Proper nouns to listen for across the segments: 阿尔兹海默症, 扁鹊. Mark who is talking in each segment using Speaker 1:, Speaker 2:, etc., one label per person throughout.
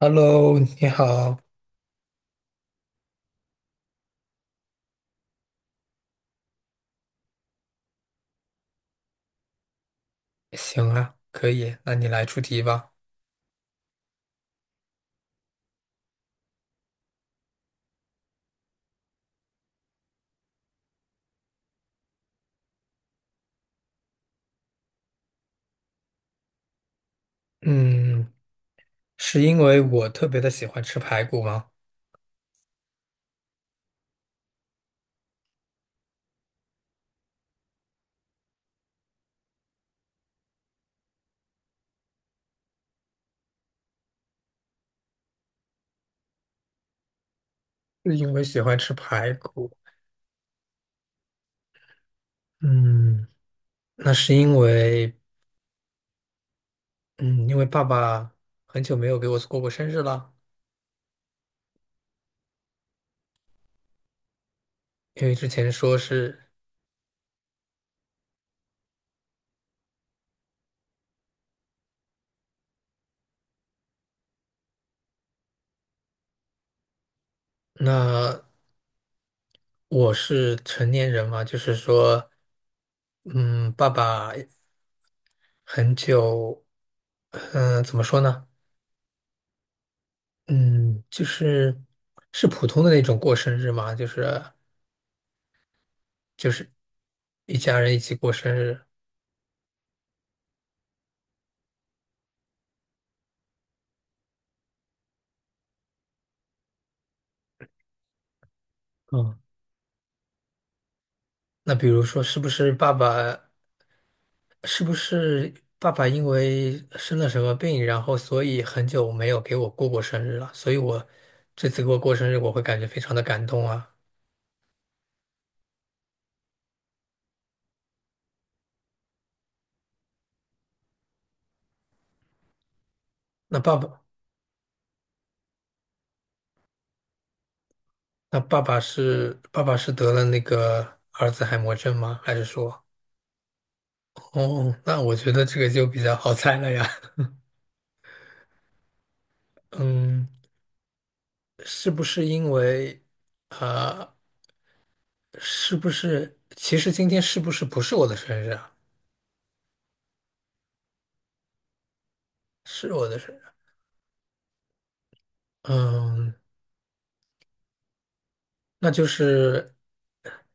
Speaker 1: Hello，你好，行啊，可以，那你来出题吧。嗯，是因为我特别的喜欢吃排骨吗？是因为喜欢吃排骨。嗯，那是因为，嗯，因为爸爸很久没有给我过过生日了。因为之前说是，那我是成年人嘛，就是说，嗯，爸爸很久，怎么说呢？嗯，就是是普通的那种过生日吗？就是一家人一起过生日。嗯，那比如说，是不是爸爸，是不是爸爸因为生了什么病，然后所以很久没有给我过过生日了，所以我这次给我过生日，我会感觉非常的感动啊。那爸爸，那爸爸是爸爸是得了那个儿子海默症吗？还是说，哦，那我觉得这个就比较好猜了呀。嗯。是不是因为，啊，是不是其实今天是不是不是我的生日啊？是我的生日啊，嗯，那就是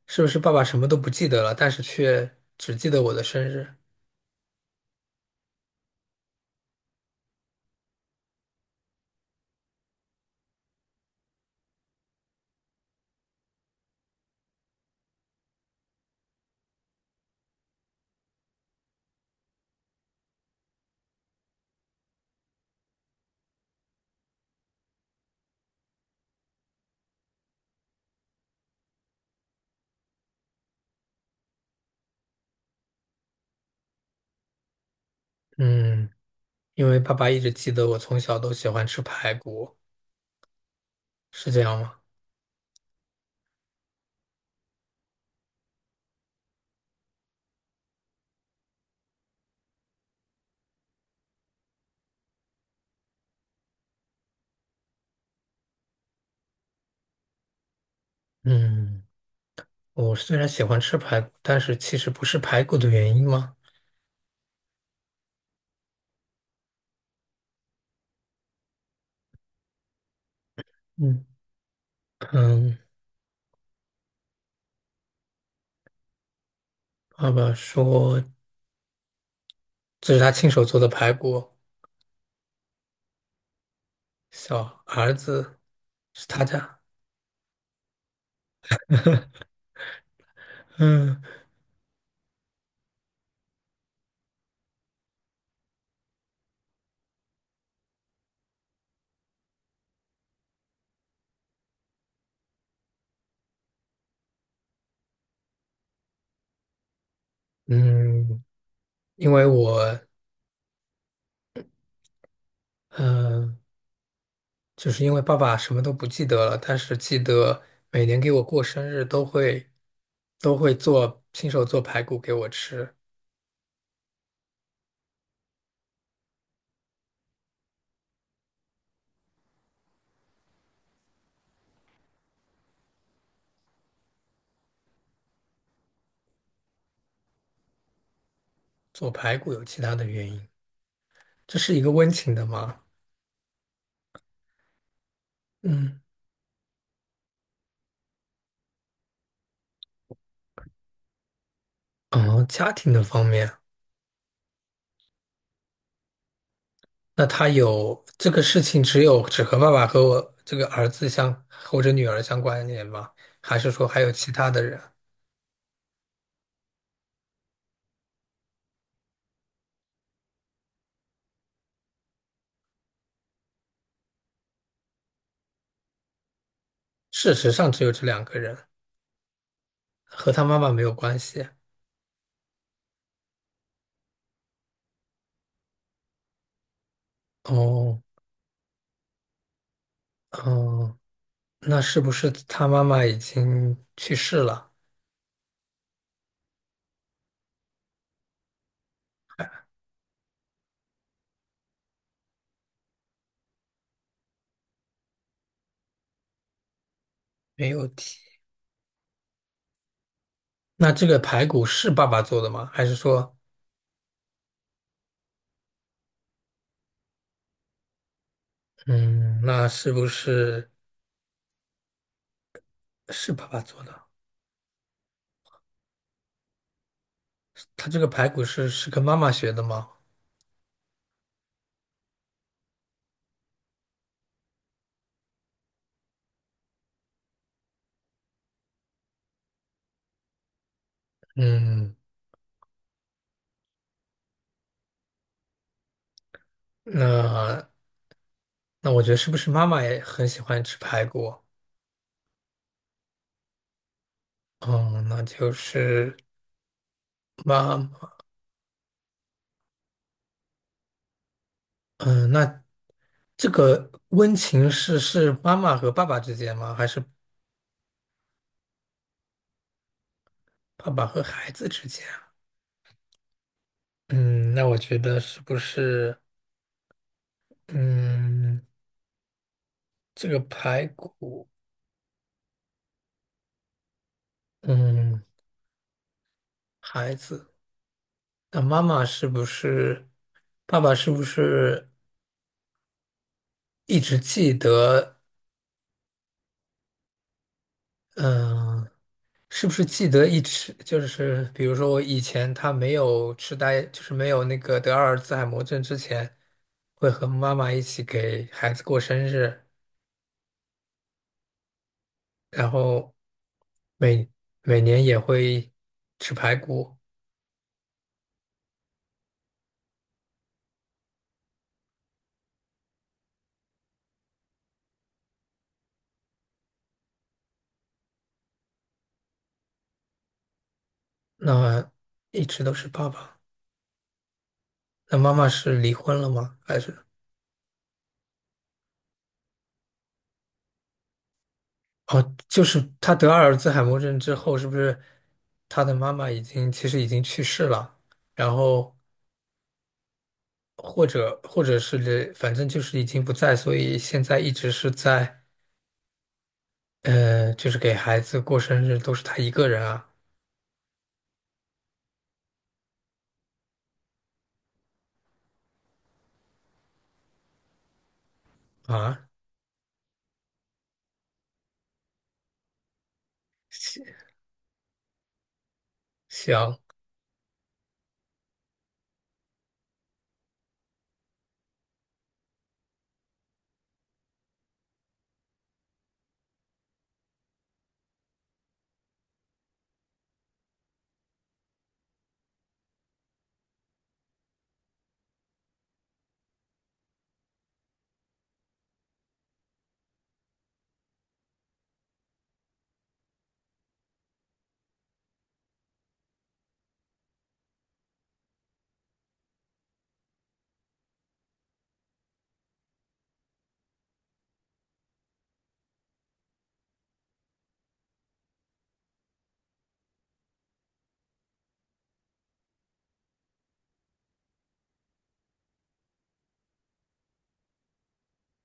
Speaker 1: 是不是爸爸什么都不记得了，但是却只记得我的生日？嗯，因为爸爸一直记得我从小都喜欢吃排骨，是这样吗？嗯，我虽然喜欢吃排骨，但是其实不是排骨的原因吗？嗯嗯，爸爸说这是他亲手做的排骨。小儿子是他家，嗯嗯，因为我嗯、呃就是因为爸爸什么都不记得了，但是记得每年给我过生日都会做亲手做排骨给我吃，做排骨有其他的原因，这是一个温情的吗？嗯，哦，家庭的方面，那他有这个事情只有只和爸爸和我这个儿子相或者女儿相关联吗？还是说还有其他的人？事实上只有这两个人，和他妈妈没有关系。哦，哦，那是不是他妈妈已经去世了？没有提。那这个排骨是爸爸做的吗？还是说，嗯，那是不是是爸爸做的？他这个排骨是是跟妈妈学的吗？嗯，那那我觉得是不是妈妈也很喜欢吃排骨？哦，那就是妈。那这个温情是是妈妈和爸爸之间吗？还是爸爸和孩子之间啊？嗯，那我觉得是不是，嗯，这个排骨，嗯，孩子，那妈妈是不是，爸爸是不是一直记得，嗯、是不是记得一吃就是比如说我以前他没有痴呆，就是没有那个得阿尔兹海默症之前，会和妈妈一起给孩子过生日，然后每每年也会吃排骨，那一直都是爸爸。那妈妈是离婚了吗？还是哦，就是他得阿尔兹海默症之后，是不是他的妈妈已经其实已经去世了？然后或者是反正就是已经不在，所以现在一直是在就是给孩子过生日都是他一个人啊啊，行行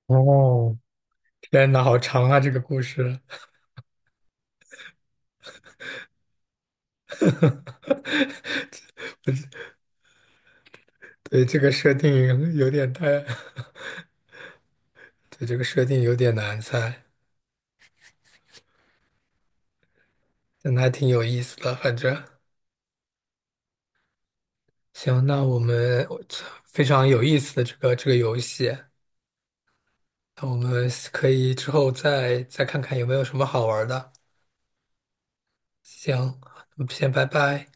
Speaker 1: 哦，天呐，好长啊这个故事，对这个设定有点太，对这个设定有点难猜，但还挺有意思的，反正行，那我们我 非常有意思的这个游戏，那我们可以之后再看看有没有什么好玩的。行，那么先拜拜。